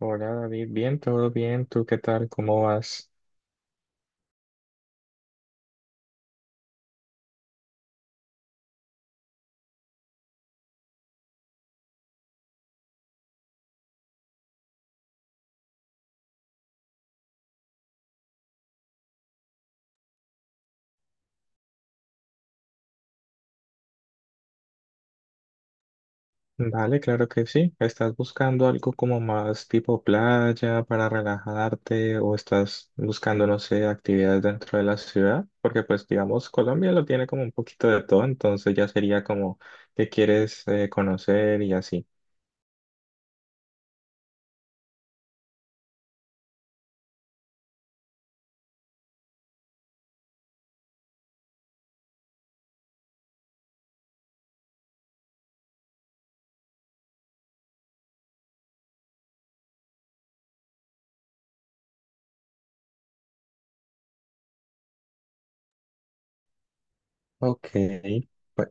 Hola David, bien, todo bien, ¿tú qué tal? ¿Cómo vas? Vale, claro que sí. ¿Estás buscando algo como más tipo playa para relajarte o estás buscando, no sé, actividades dentro de la ciudad? Porque pues digamos, Colombia lo tiene como un poquito de todo, entonces ya sería como que quieres conocer y así. Ok, pues,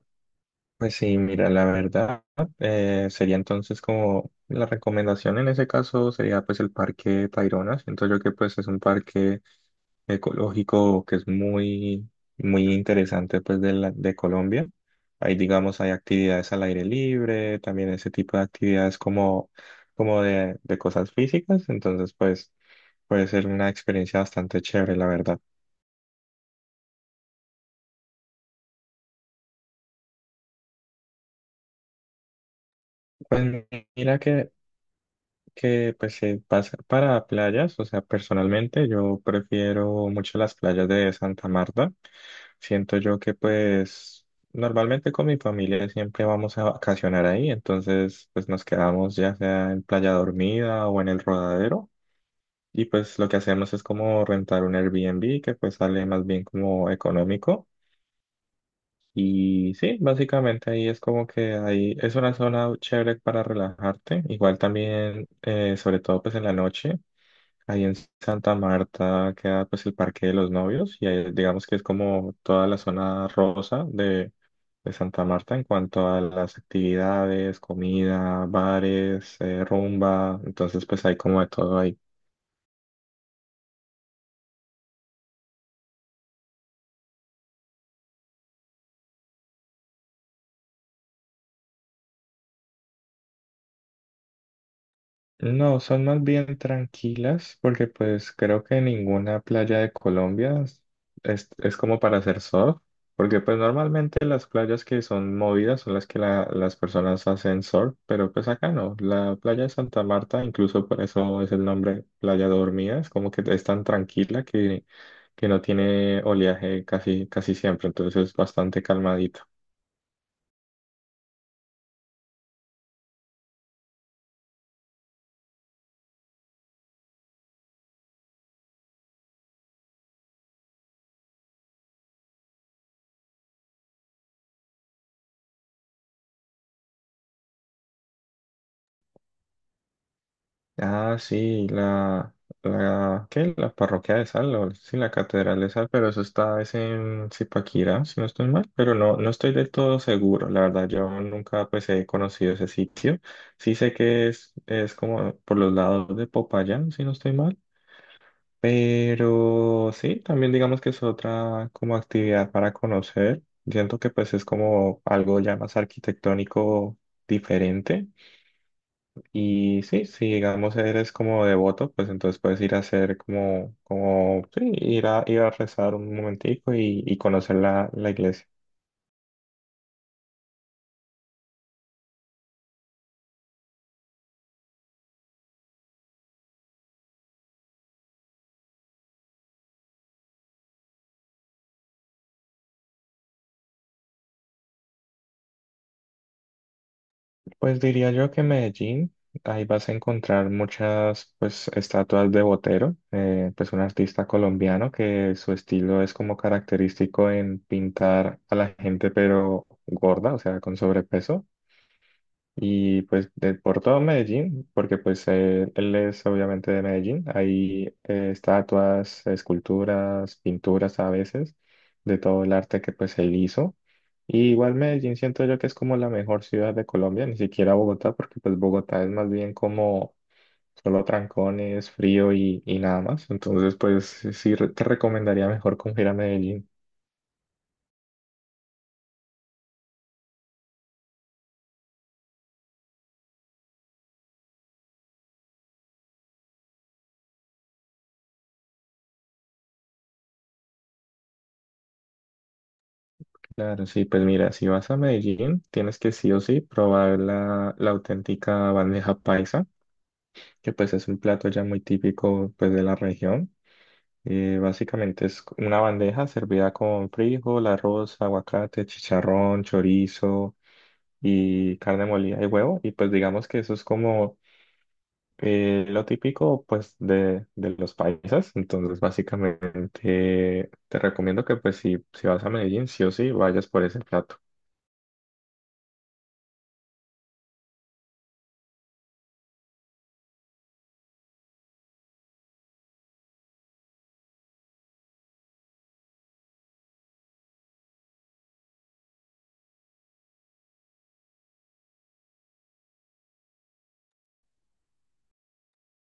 pues sí, mira, la verdad sería entonces como la recomendación en ese caso sería pues el Parque Tayrona. Siento yo que pues es un parque ecológico que es muy, muy interesante pues de Colombia. Ahí digamos hay actividades al aire libre, también ese tipo de actividades como, como de cosas físicas, entonces pues puede ser una experiencia bastante chévere, la verdad. Pues mira que pues se pasa para playas, o sea, personalmente yo prefiero mucho las playas de Santa Marta. Siento yo que pues normalmente con mi familia siempre vamos a vacacionar ahí, entonces pues nos quedamos ya sea en Playa Dormida o en el Rodadero y pues lo que hacemos es como rentar un Airbnb que pues sale más bien como económico. Y sí, básicamente ahí es como que ahí es una zona chévere para relajarte. Igual también, sobre todo pues en la noche. Ahí en Santa Marta queda pues el Parque de los Novios y ahí, digamos que es como toda la zona rosa de Santa Marta en cuanto a las actividades, comida, bares, rumba, entonces pues hay como de todo ahí. No, son más bien tranquilas porque pues creo que ninguna playa de Colombia es como para hacer surf, porque pues normalmente las playas que son movidas son las que las personas hacen surf, pero pues acá no, la playa de Santa Marta, incluso por eso es el nombre Playa Dormida, es como que es tan tranquila que no tiene oleaje casi, casi siempre, entonces es bastante calmadita. Ah, sí, ¿qué? La parroquia de Sal, o sí, la catedral de Sal, pero eso está, es en Zipaquirá, si no estoy mal, pero no, no estoy del todo seguro, la verdad, yo nunca, pues, he conocido ese sitio, sí sé que es como por los lados de Popayán, si no estoy mal, pero sí, también digamos que es otra como actividad para conocer, siento que, pues, es como algo ya más arquitectónico diferente, y sí, si digamos eres como devoto, pues entonces puedes ir a hacer como, como, sí, ir a rezar un momentico y conocer la iglesia. Pues diría yo que en Medellín, ahí vas a encontrar muchas, pues, estatuas de Botero, pues un artista colombiano que su estilo es como característico en pintar a la gente pero gorda, o sea, con sobrepeso. Y pues por todo Medellín, porque pues él es obviamente de Medellín, hay estatuas, esculturas, pinturas a veces, de todo el arte que pues él hizo. Y igual Medellín siento yo que es como la mejor ciudad de Colombia, ni siquiera Bogotá, porque pues Bogotá es más bien como solo trancones, frío y nada más. Entonces pues sí sí, te recomendaría mejor como ir a Medellín. Claro, sí, pues mira, si vas a Medellín, tienes que sí o sí probar la auténtica bandeja paisa, que pues es un plato ya muy típico pues de la región. Básicamente es una bandeja servida con frijol, arroz, aguacate, chicharrón, chorizo y carne molida y huevo. Y pues digamos que eso es como lo típico pues de los paisas. Entonces básicamente te recomiendo que pues si, si vas a Medellín, sí o sí vayas por ese plato.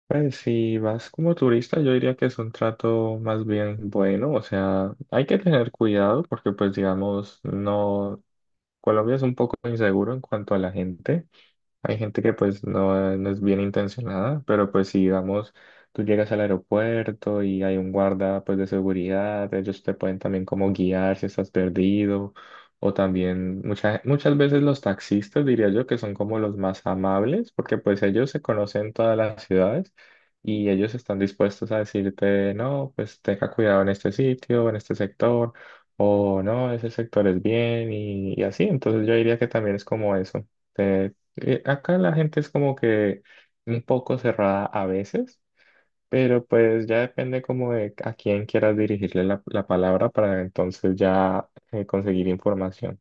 Pues si vas como turista, yo diría que es un trato más bien bueno, o sea, hay que tener cuidado porque pues digamos, no, Colombia es un poco inseguro en cuanto a la gente. Hay gente que pues no, no es bien intencionada, pero pues si digamos, tú llegas al aeropuerto y hay un guarda pues de seguridad, ellos te pueden también como guiar si estás perdido, o también muchas veces los taxistas diría yo que son como los más amables, porque pues ellos se conocen todas las ciudades y ellos están dispuestos a decirte, no, pues tenga cuidado en este sitio, en este sector, o no, ese sector es bien y así, entonces yo diría que también es como eso. ¿Te, acá la gente es como que un poco cerrada a veces, pero pues ya depende como de a quién quieras dirigirle la palabra para entonces ya conseguir información.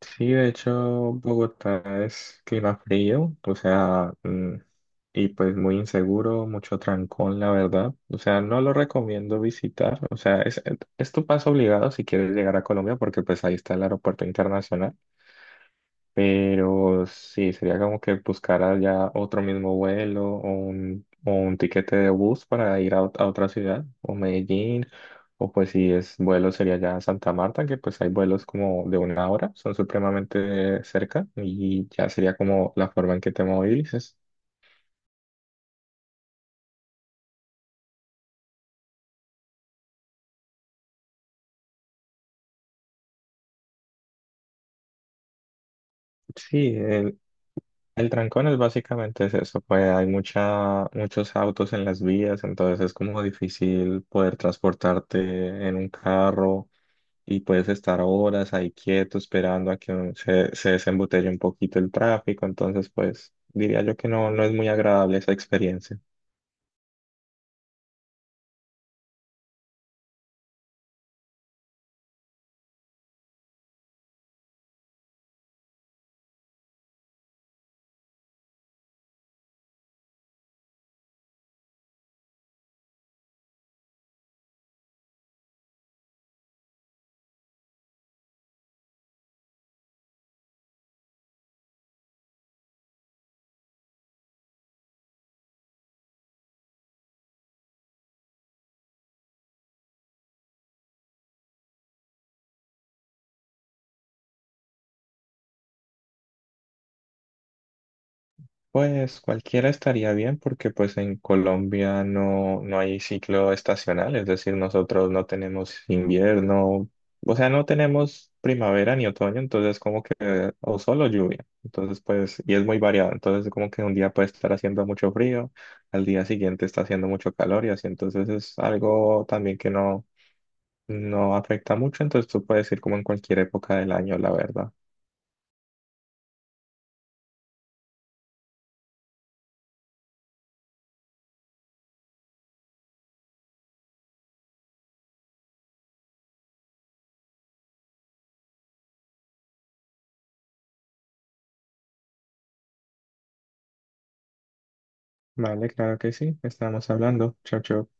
Sí, de hecho, Bogotá es clima frío, o sea, y pues muy inseguro, mucho trancón, la verdad. O sea, no lo recomiendo visitar, o sea, es tu paso obligado si quieres llegar a Colombia porque pues ahí está el aeropuerto internacional. Pero sí, sería como que buscara ya otro mismo vuelo o o un tiquete de bus para ir a, a otra ciudad, o Medellín, o pues si es vuelo sería ya Santa Marta, que pues hay vuelos como de una hora, son supremamente cerca y ya sería como la forma en que te movilices. Sí, el trancón es básicamente es eso, pues hay mucha, muchos autos en las vías, entonces es como difícil poder transportarte en un carro y puedes estar horas ahí quieto esperando a que se desembotelle un poquito el tráfico. Entonces, pues diría yo que no, no es muy agradable esa experiencia. Pues cualquiera estaría bien porque pues en Colombia no, no hay ciclo estacional, es decir, nosotros no tenemos invierno, o sea, no tenemos primavera ni otoño, entonces como que, o solo lluvia, entonces pues, y es muy variado, entonces como que un día puede estar haciendo mucho frío, al día siguiente está haciendo mucho calor y así, entonces es algo también que no, no afecta mucho, entonces tú puedes ir como en cualquier época del año, la verdad. Vale, claro que sí, estamos hablando, chao, chao.